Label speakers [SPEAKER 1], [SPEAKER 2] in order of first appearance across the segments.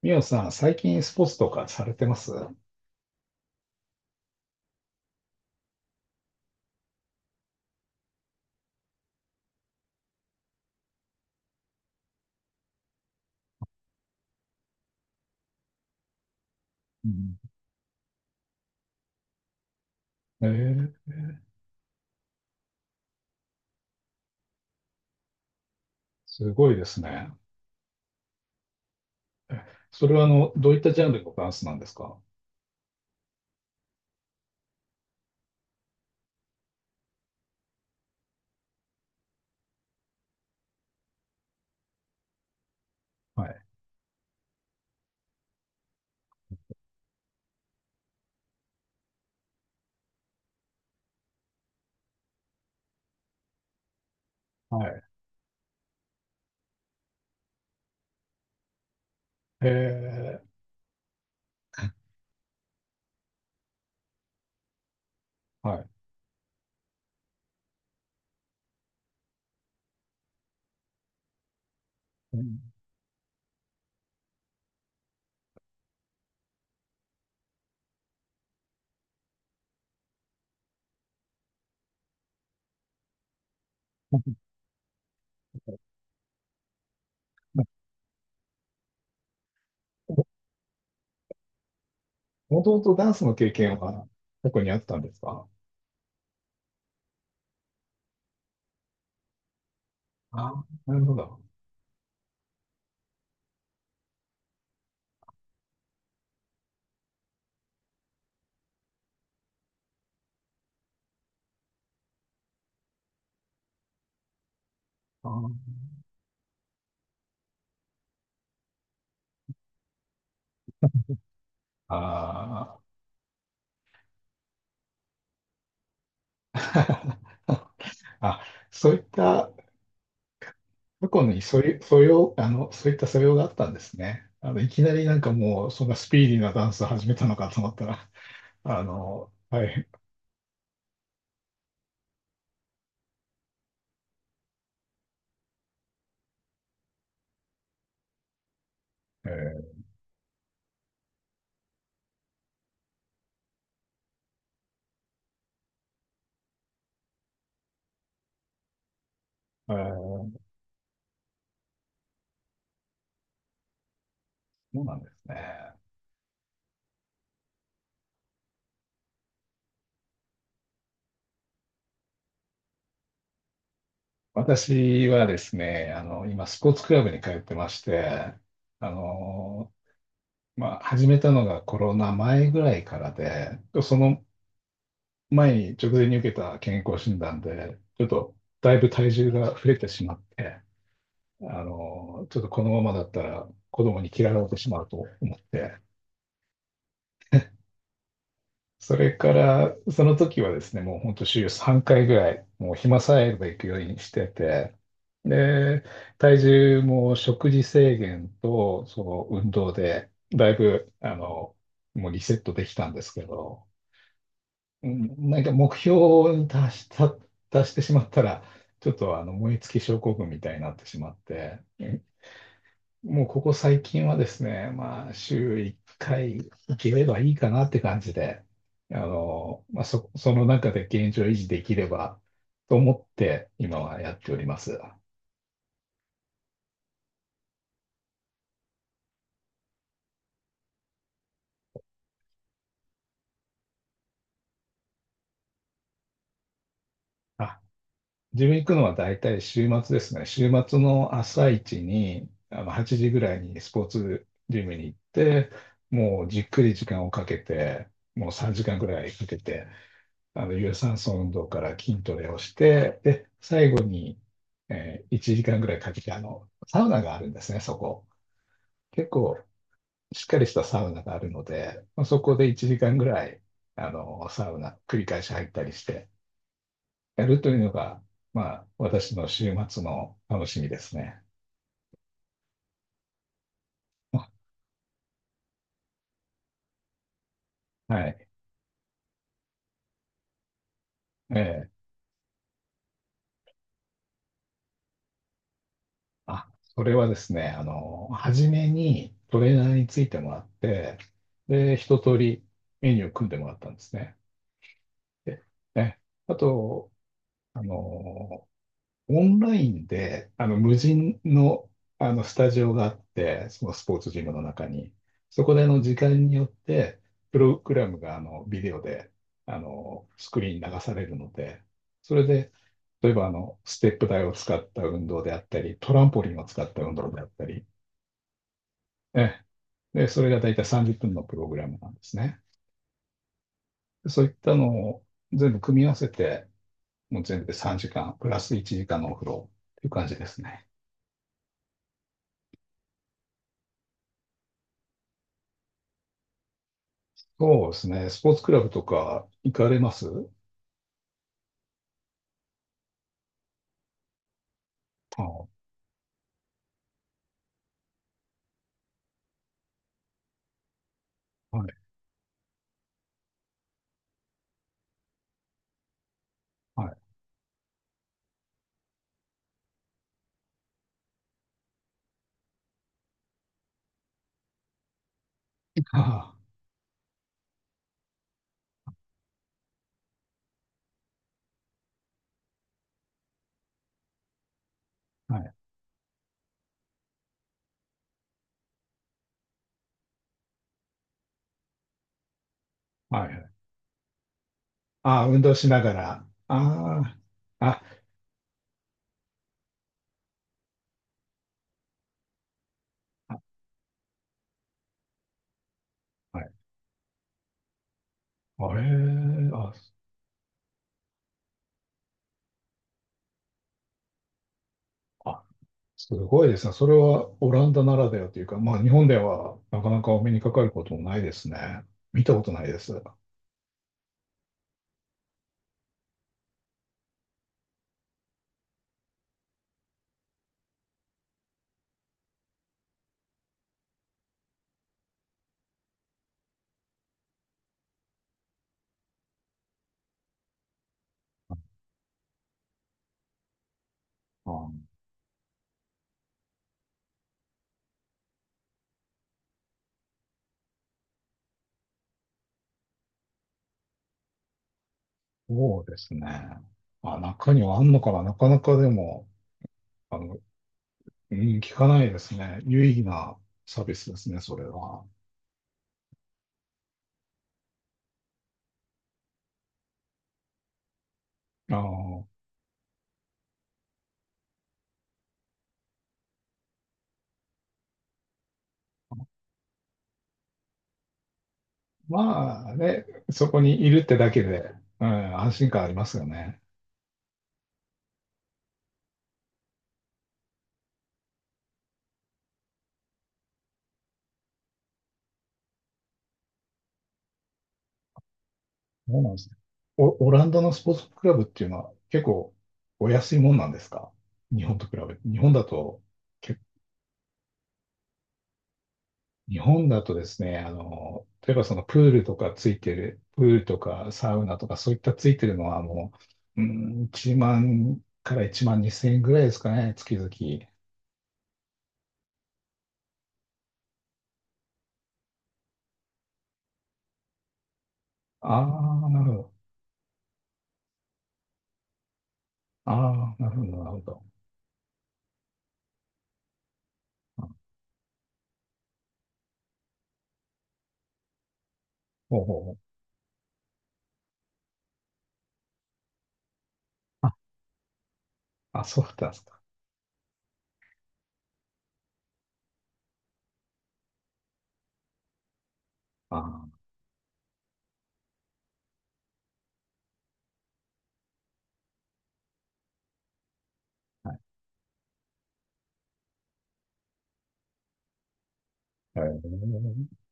[SPEAKER 1] みおさん、最近スポーツとかされてます？うん、えー、すごいですね。えそれはどういったジャンルのダンスなんですか？はい。はい。えはい。うん。 もともとダンスの経験は過去にあったんですか？ああ、なるほど。あー、あー。あ、そういった過去にそういう素養、そういった素養があったんですね。いきなりなんかもう、そんなスピーディーなダンス始めたのかと思ったら、はい。えー、あーそうなんですね。私はですね、今、スポーツクラブに通ってまして、あの、まあ、始めたのがコロナ前ぐらいからで、その前に直前に受けた健康診断で、ちょっとだいぶ体重が増えてしまって、ちょっとこのままだったら子供に嫌われてしまうと思って、それから、その時はですね、もう本当週3回ぐらい、もう暇さえあれば行くようにしてて、で、体重も食事制限と、その運動で、だいぶ、もうリセットできたんですけど、うん、なんか目標に達した、達してしまったら、ちょっと燃え尽き症候群みたいになってしまって、もうここ最近はですね、まあ、週1回行ければいいかなって感じで、まあ、その中で現状維持できればと思って今はやっております。あ、自分行くのは大体週末ですね。週末の朝一に、8時ぐらいにスポーツジムに行って、もうじっくり時間をかけて、もう3時間ぐらいかけて、有酸素運動から筋トレをして、で、最後に、1時間ぐらいかけて、サウナがあるんですね、そこ。結構、しっかりしたサウナがあるので、まあそこで1時間ぐらい、サウナ、繰り返し入ったりして、やるというのが、まあ、私の週末の楽しみですね。はい。ええ。あ、それはですね、初めにトレーナーについてもらって、で、一通りメニューを組んでもらったんですね。でね、あと、あの、オンラインで、無人の、スタジオがあって、そのスポーツジムの中に、そこで、時間によって、プログラムが、ビデオで、スクリーンに流されるので、それで、例えば、ステップ台を使った運動であったり、トランポリンを使った運動であったり、ね、で、それが大体30分のプログラムなんですね。そういったのを全部組み合わせて、もう全部で3時間、プラス1時間のお風呂っていう感じですね。そうですね。スポーツクラブとか行かれます？ああ、はい。はい。ああ、はい。はい。ああ、運動しながら。ああ、あ、はい。あれ、あ、あ、すごいですね。それはオランダならではというか、まあ日本ではなかなかお目にかかることもないですね。見たことないです。あ、そうですね。あ、中にはあんのかな。なかなかでも、あの、うん、聞かないですね。有意義なサービスですね、それは。あの、まあね、そこにいるってだけで、うん、安心感ありますよね。そうなんですね。オランダのスポーツクラブっていうのは結構お安いもんなんですか？日本と比べて。日本だと、け日本だとですね、例えばそのプールとかついてる、プールとかサウナとかそういったついてるのはもう、うん、1万から1万2千円ぐらいですかね、月々。ああ、なるほど。ああ、なるほど、なるほど。あ、ほうほうほう。あ、そうだったんですか。ああ、はい。へえ。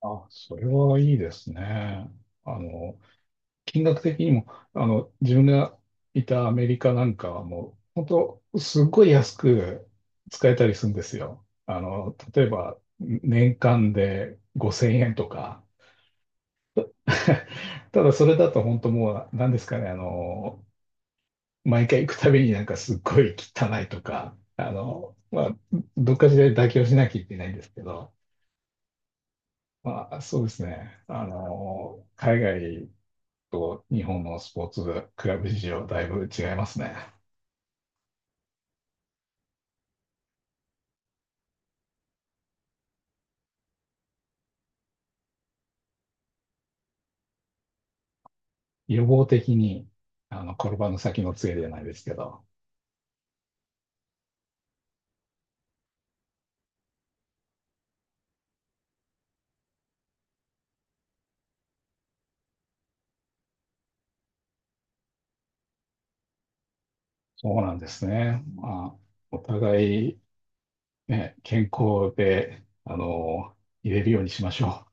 [SPEAKER 1] あ、それはいいですね。あの、金額的にも、自分がいたアメリカなんかはもう、本当すっごい安く使えたりするんですよ。例えば、年間で5000円とか。ただそれだと本当もう、何ですかね、毎回行くたびになんかすっごい汚いとか、まあ、どっかしらで妥協しなきゃいけないんですけど、まあ、そうですね。海外と日本のスポーツクラブ事情、だいぶ違いますね。予防的に、転ばぬ先の杖じゃないですけど、そうなんですね。まあ、お互い、ね、健康で、入れるようにしましょう。